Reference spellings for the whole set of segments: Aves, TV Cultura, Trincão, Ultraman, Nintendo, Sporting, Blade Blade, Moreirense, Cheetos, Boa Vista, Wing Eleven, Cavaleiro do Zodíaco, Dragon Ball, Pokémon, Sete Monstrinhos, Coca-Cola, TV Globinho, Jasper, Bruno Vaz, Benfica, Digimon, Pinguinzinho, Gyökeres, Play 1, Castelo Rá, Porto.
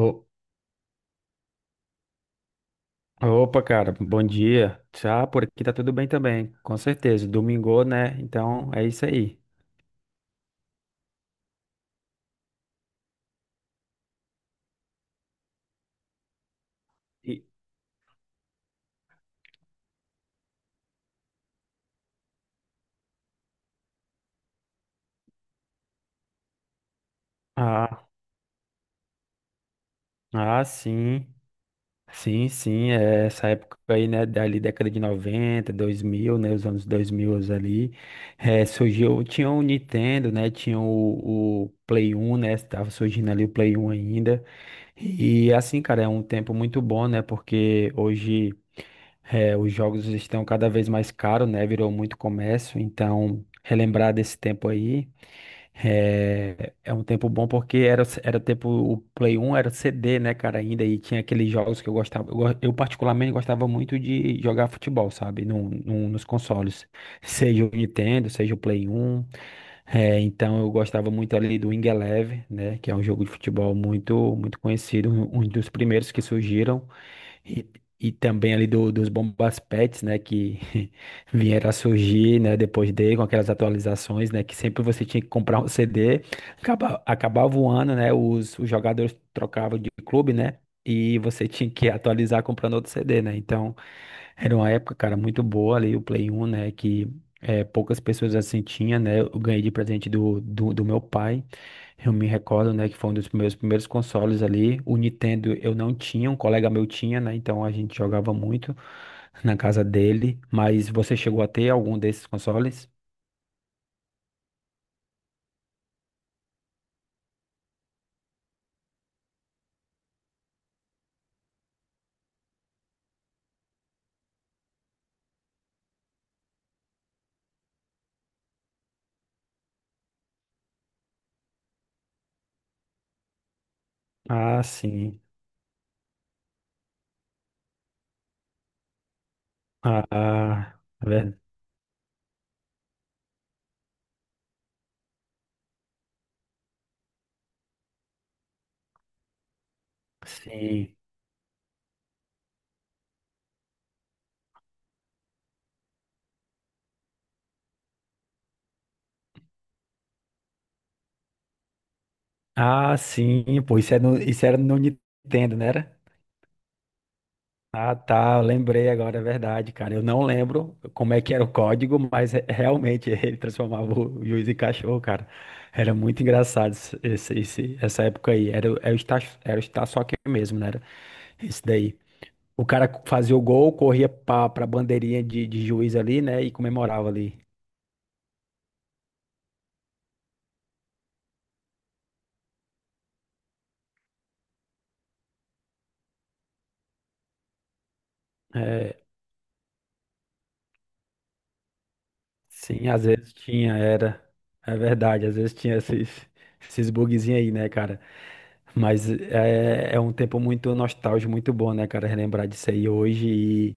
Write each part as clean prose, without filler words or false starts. Ô- Opa, cara, bom dia. Já por aqui tá tudo bem também, com certeza. Domingou, né? Então é isso aí. E- ah, ah, sim, sim, sim. É essa época aí, né? Dali década de 90, 2000, né? Os anos 2000 ali. É, surgiu, tinha o Nintendo, né? Tinha o Play 1, né? Tava surgindo ali o Play 1 ainda. E assim, cara, é um tempo muito bom, né? Porque hoje. É, os jogos estão cada vez mais caros, né? Virou muito comércio, então relembrar desse tempo aí é um tempo bom porque era tempo o Play 1 era CD, né, cara, ainda e tinha aqueles jogos que eu gostava, eu, eu particularmente gostava muito de jogar futebol, sabe, nos consoles, seja o Nintendo, seja o Play 1. É, então eu gostava muito ali do Wing Eleven, né, que é um jogo de futebol muito muito conhecido, um dos primeiros que surgiram. E, e também ali dos bombas pets, né, que vieram a surgir, né, depois dele, com aquelas atualizações, né, que sempre você tinha que comprar um CD, acabava o ano, né, os jogadores trocavam de clube, né, e você tinha que atualizar comprando outro CD, né, então era uma época, cara, muito boa ali, o Play 1, né, que poucas pessoas assim tinha, né, eu ganhei de presente do meu pai, eu me recordo, né, que foi um dos meus primeiros consoles ali. O Nintendo eu não tinha, um colega meu tinha, né? Então a gente jogava muito na casa dele. Mas você chegou a ter algum desses consoles? Ah, sim. Ah, ah, é verdade. Sim. Ah, sim. Pô, isso era no Nintendo, né? Ah, tá, eu lembrei agora, é verdade, cara. Eu não lembro como é que era o código, mas realmente ele transformava o juiz em cachorro, cara. Era muito engraçado essa época aí. Era, era o estar, era o está só aqui mesmo, né? Era esse daí. O cara fazia o gol, corria pra bandeirinha de juiz ali, né? E comemorava ali. É, sim, às vezes tinha, era. É verdade, às vezes tinha esses bugzinhos aí, né, cara? Mas é um tempo muito nostálgico, muito bom, né, cara, relembrar disso aí hoje.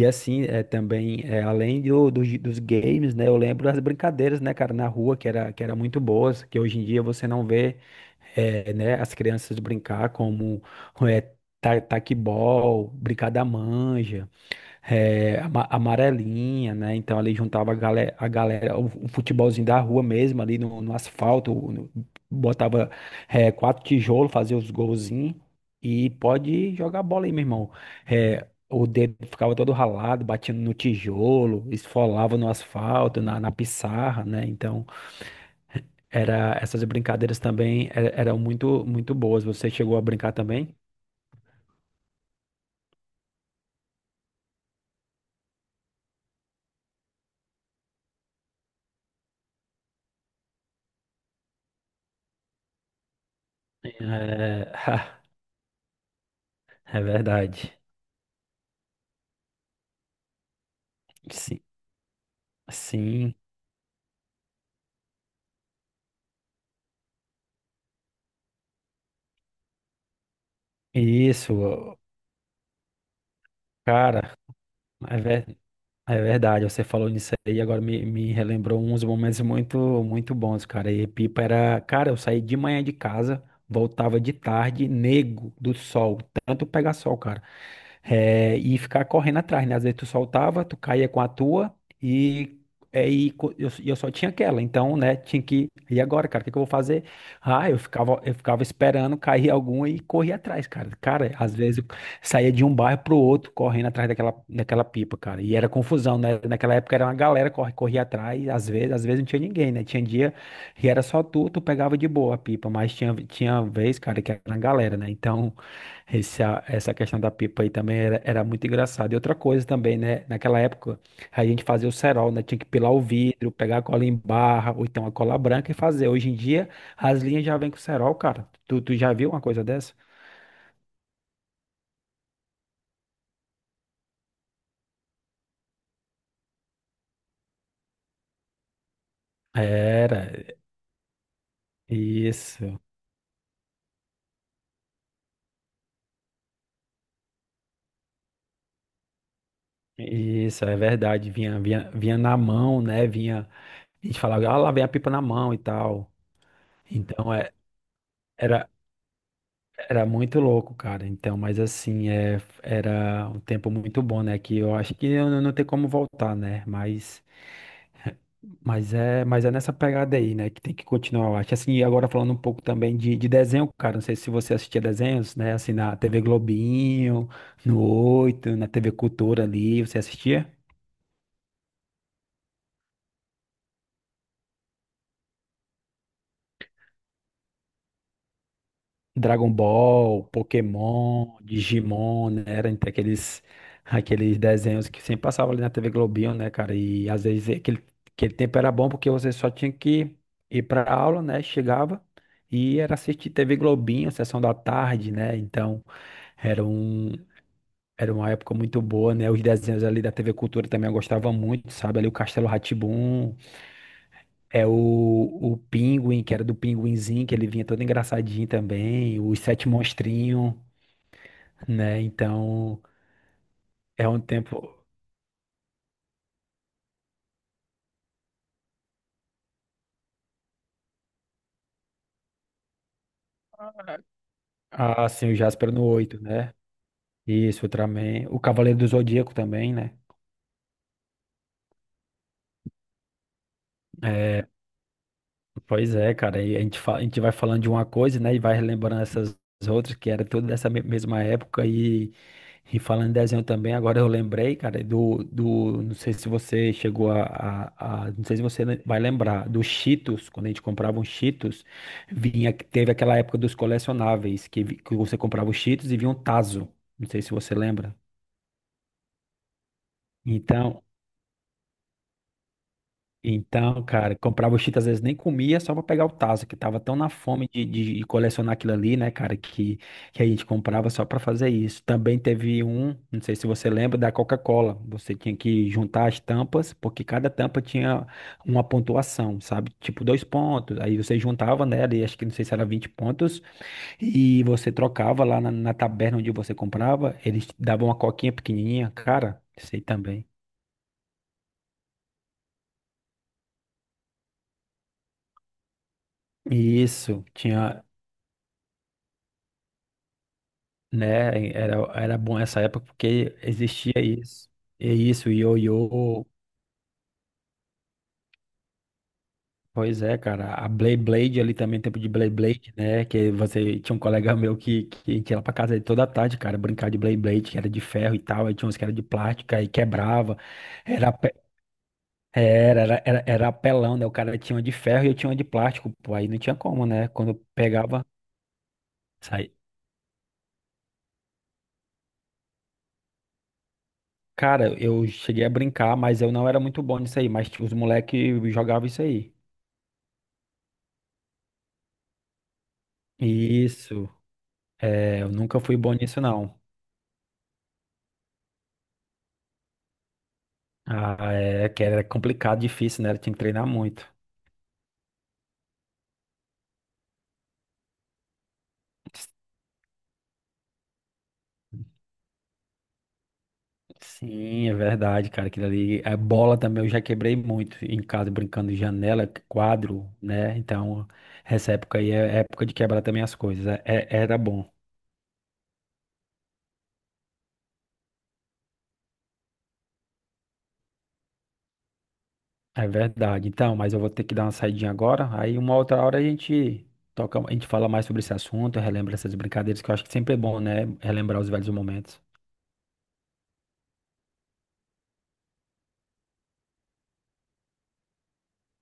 E assim, é também, é, além dos games, né, eu lembro das brincadeiras, né, cara, na rua, que era muito boas, que hoje em dia você não vê, é, né, as crianças brincar como é, taquebol, brincar da manja é, amarelinha, né? Então ali juntava a galera o futebolzinho da rua mesmo, ali no asfalto, botava é, quatro tijolos, fazia os golzinhos e pode jogar bola aí, meu irmão. É, o dedo ficava todo ralado, batendo no tijolo, esfolava no asfalto, na pissarra, né? Então, era, essas brincadeiras também eram muito, muito boas. Você chegou a brincar também? É, é verdade. Sim. Sim. Isso, cara, é, é verdade. Você falou nisso aí, agora me relembrou uns momentos muito, muito bons, cara. E pipa era, cara, eu saí de manhã de casa, voltava de tarde, nego do sol, tanto pegar sol, cara. É, e ficar correndo atrás, né? Às vezes tu soltava, tu caía com a tua e, é, eu só tinha aquela. Então, né, tinha que. E agora, cara, o que que eu vou fazer? Ah, eu ficava esperando cair alguma e corria atrás, cara. Cara, às vezes eu saía de um bairro pro outro correndo atrás daquela pipa, cara. E era confusão, né? Naquela época era uma galera que corria atrás, às vezes não tinha ninguém, né? Tinha dia e era só tu, tu pegava de boa a pipa, mas tinha vez, cara, que era uma galera, né? Então. Esse, essa questão da pipa aí também era, era muito engraçada. E outra coisa também, né? Naquela época, a gente fazia o cerol, né? Tinha que pilar o vidro, pegar a cola em barra, ou então a cola branca e fazer. Hoje em dia, as linhas já vêm com cerol, cara. Tu já viu uma coisa dessa? Era, isso, isso, é verdade. Vinha na mão, né? Vinha, a gente falava, ah, lá vem a pipa na mão e tal. Então, é. era Era muito louco, cara. Então, mas assim, é, era um tempo muito bom, né? Que eu acho que eu não tem como voltar, né? Mas é nessa pegada aí, né? Que tem que continuar, eu acho. Assim, e agora falando um pouco também de desenho, cara. Não sei se você assistia desenhos, né? Assim, na TV Globinho, no Oito, na TV Cultura ali, você assistia? Dragon Ball, Pokémon, Digimon, né? Era entre aqueles, aqueles desenhos que sempre passavam ali na TV Globinho, né, cara? E às vezes aquele tempo era bom porque você só tinha que ir pra aula, né? Chegava e era assistir TV Globinho, sessão da tarde, né? Então era um. Era uma época muito boa, né? Os desenhos ali da TV Cultura também eu gostava muito, sabe? Ali o Castelo rá é o Pinguim, que era do Pinguinzinho, que ele vinha todo engraçadinho também, os Sete Monstrinhos, né? Então, é um tempo. Ah, sim, o Jasper no oito né? Isso, Ultraman. O Cavaleiro do Zodíaco também, né? É, pois é, cara, e a gente, a gente vai falando de uma coisa, né, e vai relembrando essas outras, que era tudo dessa mesma época, e falando em desenho também, agora eu lembrei, cara, do, não sei se você chegou não sei se você vai lembrar, dos Cheetos, quando a gente comprava um Cheetos, vinha, teve aquela época dos colecionáveis, que, que você comprava os Cheetos e vinha um taso não sei se você lembra. Então, Então, cara, comprava o Cheetos, às vezes nem comia só pra pegar o tazo, que tava tão na fome de, de colecionar aquilo ali, né, cara, que a gente comprava só pra fazer isso. Também teve um, não sei se você lembra, da Coca-Cola. Você tinha que juntar as tampas, porque cada tampa tinha uma pontuação, sabe? Tipo dois pontos. Aí você juntava nela, e acho que não sei se era 20 pontos, e você trocava lá na taberna onde você comprava, eles te davam uma coquinha pequenininha, cara, sei também. Isso, tinha né? Era, era bom essa época porque existia isso. É isso, o ioiô. Pois é, cara. A Blade Blade ali também, tempo de Blade Blade, né? Que você tinha um colega meu que a gente ia lá pra casa dele toda tarde, cara, brincar de Blade Blade, que era de ferro e tal. Aí tinha uns que era de plástico, aí quebrava. Era, pe- era, era, era, era apelão, né? O cara tinha uma de ferro e eu tinha uma de plástico. Pô, aí não tinha como, né? Quando eu pegava, saía. Cara, eu cheguei a brincar, mas eu não era muito bom nisso aí. Mas tipo, os moleques jogavam isso aí. Isso. É, eu nunca fui bom nisso, não. Ah, é que era complicado, difícil, né? Eu tinha que treinar muito. Sim, é verdade, cara. Aquilo ali. A bola também eu já quebrei muito em casa, brincando de janela, quadro, né? Então, essa época aí é época de quebrar também as coisas. Era bom. É verdade. Então, mas eu vou ter que dar uma saidinha agora. Aí uma outra hora a gente toca, a gente fala mais sobre esse assunto, relembra essas brincadeiras, que eu acho que sempre é bom, né? Relembrar os velhos momentos.